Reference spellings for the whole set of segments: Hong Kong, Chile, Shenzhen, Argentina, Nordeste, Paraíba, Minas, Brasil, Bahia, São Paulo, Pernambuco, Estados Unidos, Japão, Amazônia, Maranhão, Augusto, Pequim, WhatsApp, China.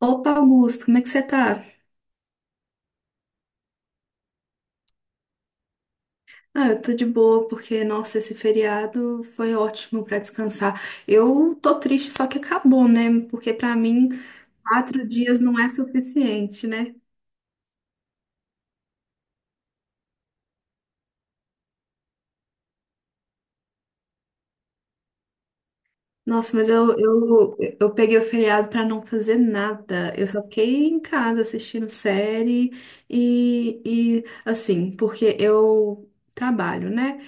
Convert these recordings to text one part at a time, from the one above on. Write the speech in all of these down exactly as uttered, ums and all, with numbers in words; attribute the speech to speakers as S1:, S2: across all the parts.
S1: Opa, Augusto, como é que você tá? Ah, eu tô de boa porque, nossa, esse feriado foi ótimo pra descansar. Eu tô triste, só que acabou, né? Porque pra mim, quatro dias não é suficiente, né? Nossa, mas eu, eu, eu peguei o feriado pra não fazer nada. Eu só fiquei em casa assistindo série e, e assim, porque eu trabalho, né?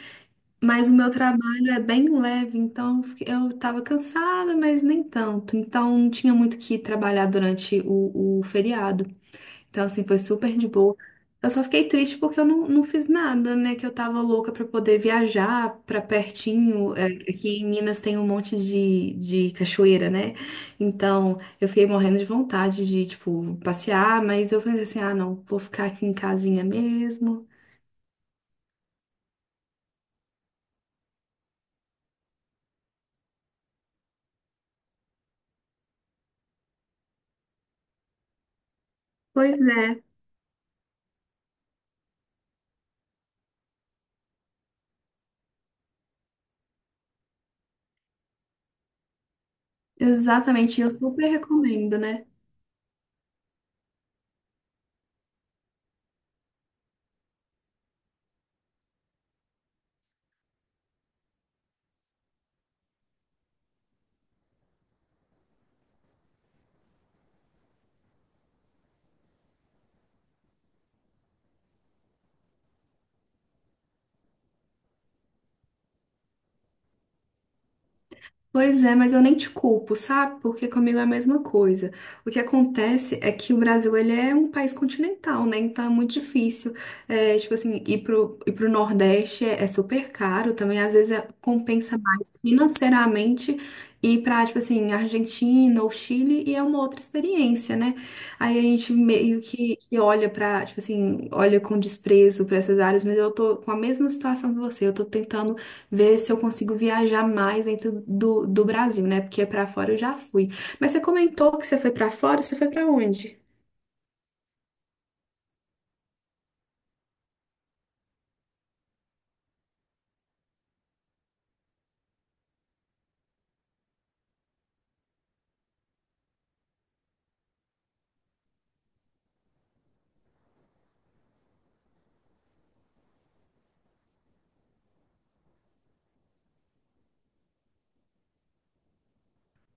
S1: Mas o meu trabalho é bem leve, então eu fiquei- eu tava cansada, mas nem tanto. Então não tinha muito o que trabalhar durante o, o feriado. Então, assim, foi super de boa. Eu só fiquei triste porque eu não, não fiz nada, né? Que eu tava louca pra poder viajar pra pertinho. É, aqui em Minas tem um monte de, de cachoeira, né? Então eu fiquei morrendo de vontade de, tipo, passear, mas eu pensei assim: ah, não, vou ficar aqui em casinha mesmo. Pois é, exatamente. Eu super recomendo, né? Pois é, mas eu nem te culpo, sabe? Porque comigo é a mesma coisa. O que acontece é que o Brasil, ele é um país continental, né? Então é muito difícil, é, tipo assim, ir pro, ir pro Nordeste é, é super caro também. Às vezes é- compensa mais financeiramente ir pra, tipo assim, Argentina ou Chile e é uma outra experiência, né? Aí a gente meio que, que olha pra, tipo assim, olha com desprezo pra essas áreas, mas eu tô com a mesma situação que você. Eu tô tentando ver se eu consigo viajar mais dentro do, do Brasil, né? Porque pra fora eu já fui. Mas você comentou que você foi pra fora, você foi pra onde?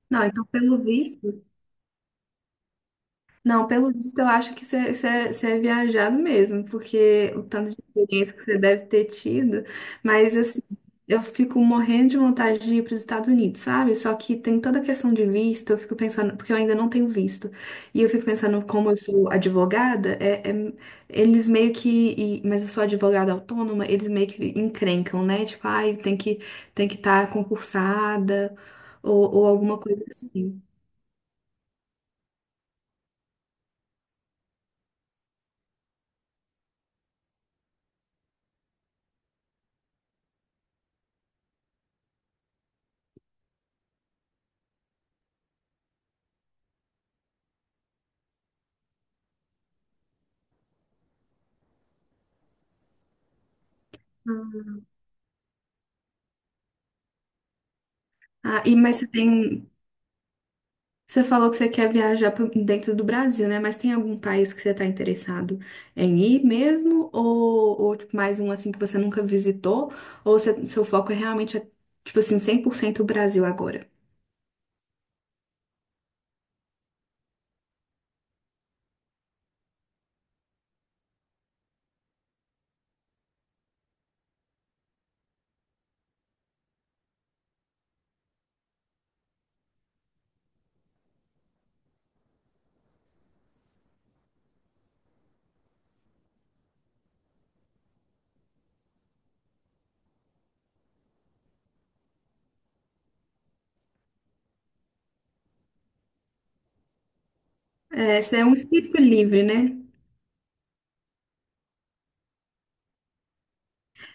S1: Não, então pelo visto. Não, pelo visto, eu acho que você você- você é viajado mesmo, porque o tanto de experiência que você deve ter tido, mas assim, eu fico morrendo de vontade de ir para os Estados Unidos, sabe? Só que tem toda a questão de visto, eu fico pensando, porque eu ainda não tenho visto, e eu fico pensando, como eu sou advogada, é, é- eles meio que, e- mas eu sou advogada autônoma, eles meio que encrencam, né? Tipo, ai, tem que tem que estar concursada, ou, ou alguma coisa assim. Ah, e, mas você tem. Você falou que você quer viajar pro- dentro do Brasil, né? Mas tem algum país que você está interessado em ir mesmo? Ou, ou, tipo, mais um assim que você nunca visitou? Ou você- seu foco é realmente, é, tipo assim, cem por cento o Brasil agora? É, você é um espírito livre, né?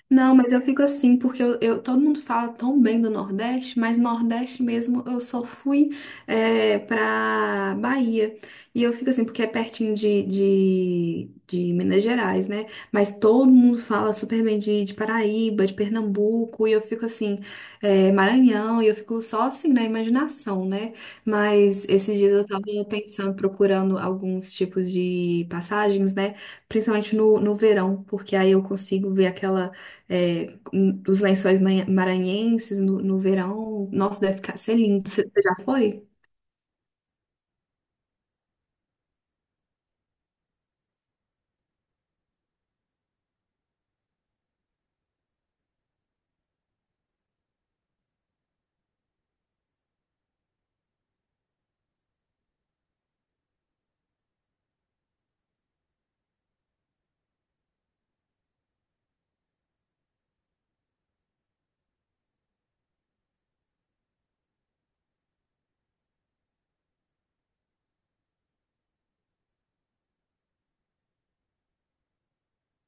S1: Não, mas eu fico assim, porque eu, eu- todo mundo fala tão bem do Nordeste, mas Nordeste mesmo eu só fui é, pra Bahia. E eu fico assim, porque é pertinho de, de, de Minas Gerais, né? Mas todo mundo fala super bem de, de Paraíba, de Pernambuco, e eu fico assim, é, Maranhão, e eu fico só assim na imaginação, né? Mas esses dias eu tava pensando, procurando alguns tipos de passagens, né? Principalmente no, no verão, porque aí eu consigo ver aquela é, hum, os lençóis manha- maranhenses no, no verão. Nossa, deve ficar, ser lindo. Você você já foi?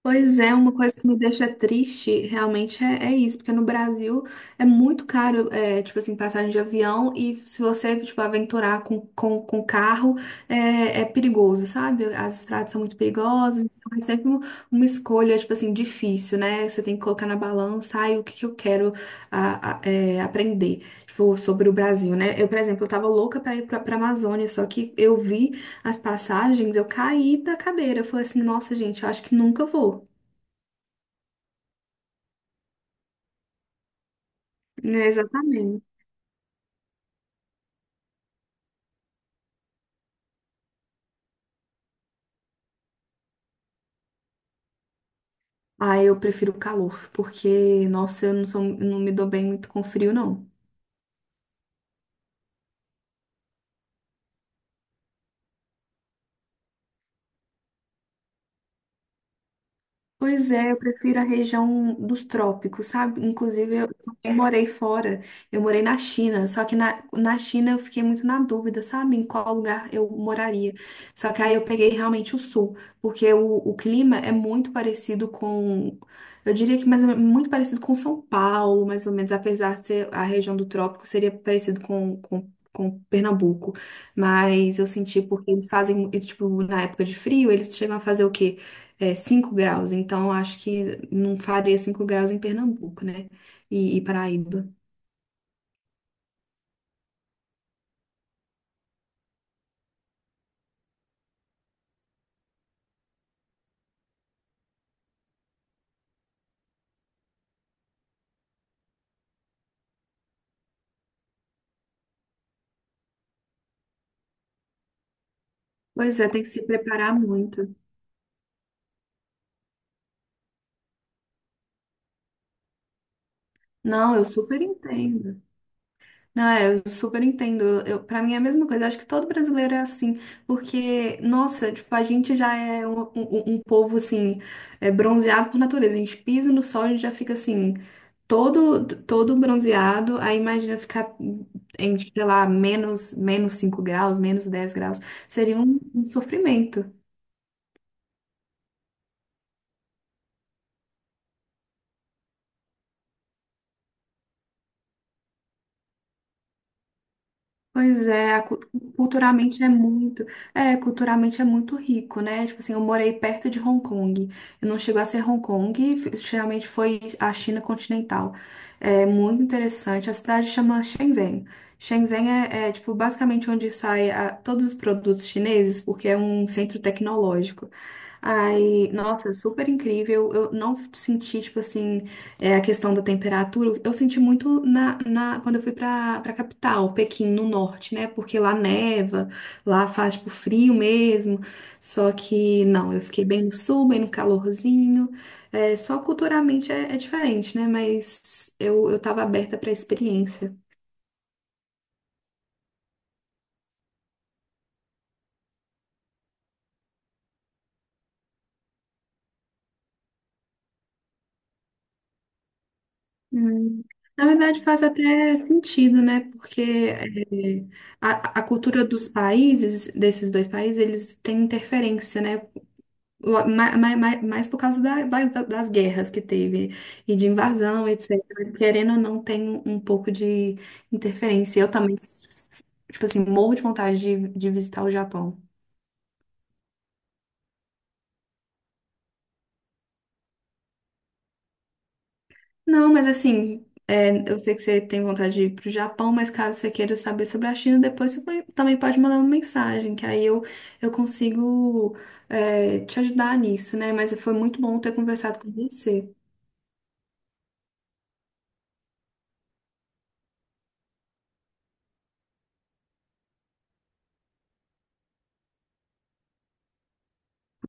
S1: Pois é, uma coisa que me deixa triste realmente é, é isso, porque no Brasil é muito caro, é, tipo assim, passagem de avião e se você, tipo, aventurar com, com, com carro, é, é perigoso, sabe? As estradas são muito perigosas, então é sempre um- uma escolha, tipo assim, difícil, né? Você tem que colocar na balança, ai, o que que eu quero a- a- é, aprender, tipo, sobre o Brasil, né? Eu, por exemplo, eu tava louca pra ir pra, pra Amazônia, só que eu vi as passagens, eu caí da cadeira. Eu falei assim, nossa, gente, eu acho que nunca vou. É, exatamente. Ah, eu prefiro o calor, porque, nossa, eu não sou, eu não me dou bem muito com frio, não. Pois é, eu prefiro a região dos trópicos, sabe? Inclusive, eu também morei fora, eu morei na China, só que na, na China eu fiquei muito na dúvida, sabe? Em qual lugar eu moraria. Só que aí eu peguei realmente o sul, porque o, o clima é muito parecido com, eu diria que mais, ou menos- muito parecido com São Paulo, mais ou menos, apesar de ser a região do trópico, seria parecido com, com Com Pernambuco, mas eu senti porque eles fazem, tipo, na época de frio, eles chegam a fazer o quê? É, cinco graus, então acho que não faria cinco graus em Pernambuco, né? E, e Paraíba. Pois é, tem que se preparar muito. Não, eu super entendo. Não, é, eu super entendo. Eu, para mim é a mesma coisa. Acho que todo brasileiro é assim, porque, nossa, tipo, a gente já é um, um- um um povo assim, é, bronzeado por natureza. A gente pisa no sol, a gente já fica assim, todo todo bronzeado. Aí imagina ficar em, sei lá, menos menos cinco graus, menos dez graus. Seria um, um sofrimento. Pois é, a cu- culturalmente é muito, é, culturalmente é muito rico, né? Tipo assim, eu morei perto de Hong Kong. Eu não chegou a ser Hong Kong, fi- geralmente foi a China continental. É muito interessante. A cidade chama Shenzhen. Shenzhen é, é, tipo basicamente onde saem todos os produtos chineses, porque é um centro tecnológico. Aí, nossa, super incrível. Eu não senti, tipo assim. É a questão da temperatura. Eu senti muito na, na- quando eu fui para para capital, Pequim, no norte, né? Porque lá neva, lá faz tipo frio mesmo. Só que não, eu fiquei bem no sul, bem no calorzinho. É, só culturalmente é, é diferente, né? Mas eu, eu tava aberta para a experiência. Hum. Na verdade, faz até sentido, né? Porque é, a, a cultura dos países, desses dois países, eles têm interferência, né? ma- ma- ma- Mais, por causa da- da- das guerras que teve e de invasão, et cetera. Querendo ou não, tem um, um pouco de interferência. Eu também, tipo assim, morro de vontade de, de visitar o Japão. Não, mas assim, é, eu sei que você tem vontade de ir pro Japão, mas caso você queira saber sobre a China, depois você pode- também pode mandar uma mensagem, que aí eu, eu consigo, é, te ajudar nisso, né? Mas foi muito bom ter conversado com você.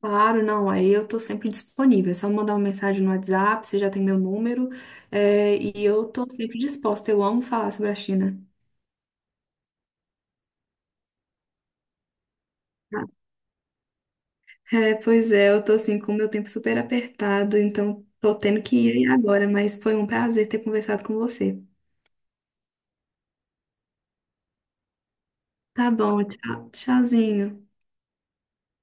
S1: Claro, não, aí eu tô sempre disponível. É só mandar uma mensagem no WhatsApp, você já tem meu número, é, e eu tô sempre disposta. Eu amo falar sobre a China. É, pois é, eu tô assim com o meu tempo super apertado, então tô tendo que ir agora, mas foi um prazer ter conversado com você. Tá bom, tchau, tchauzinho.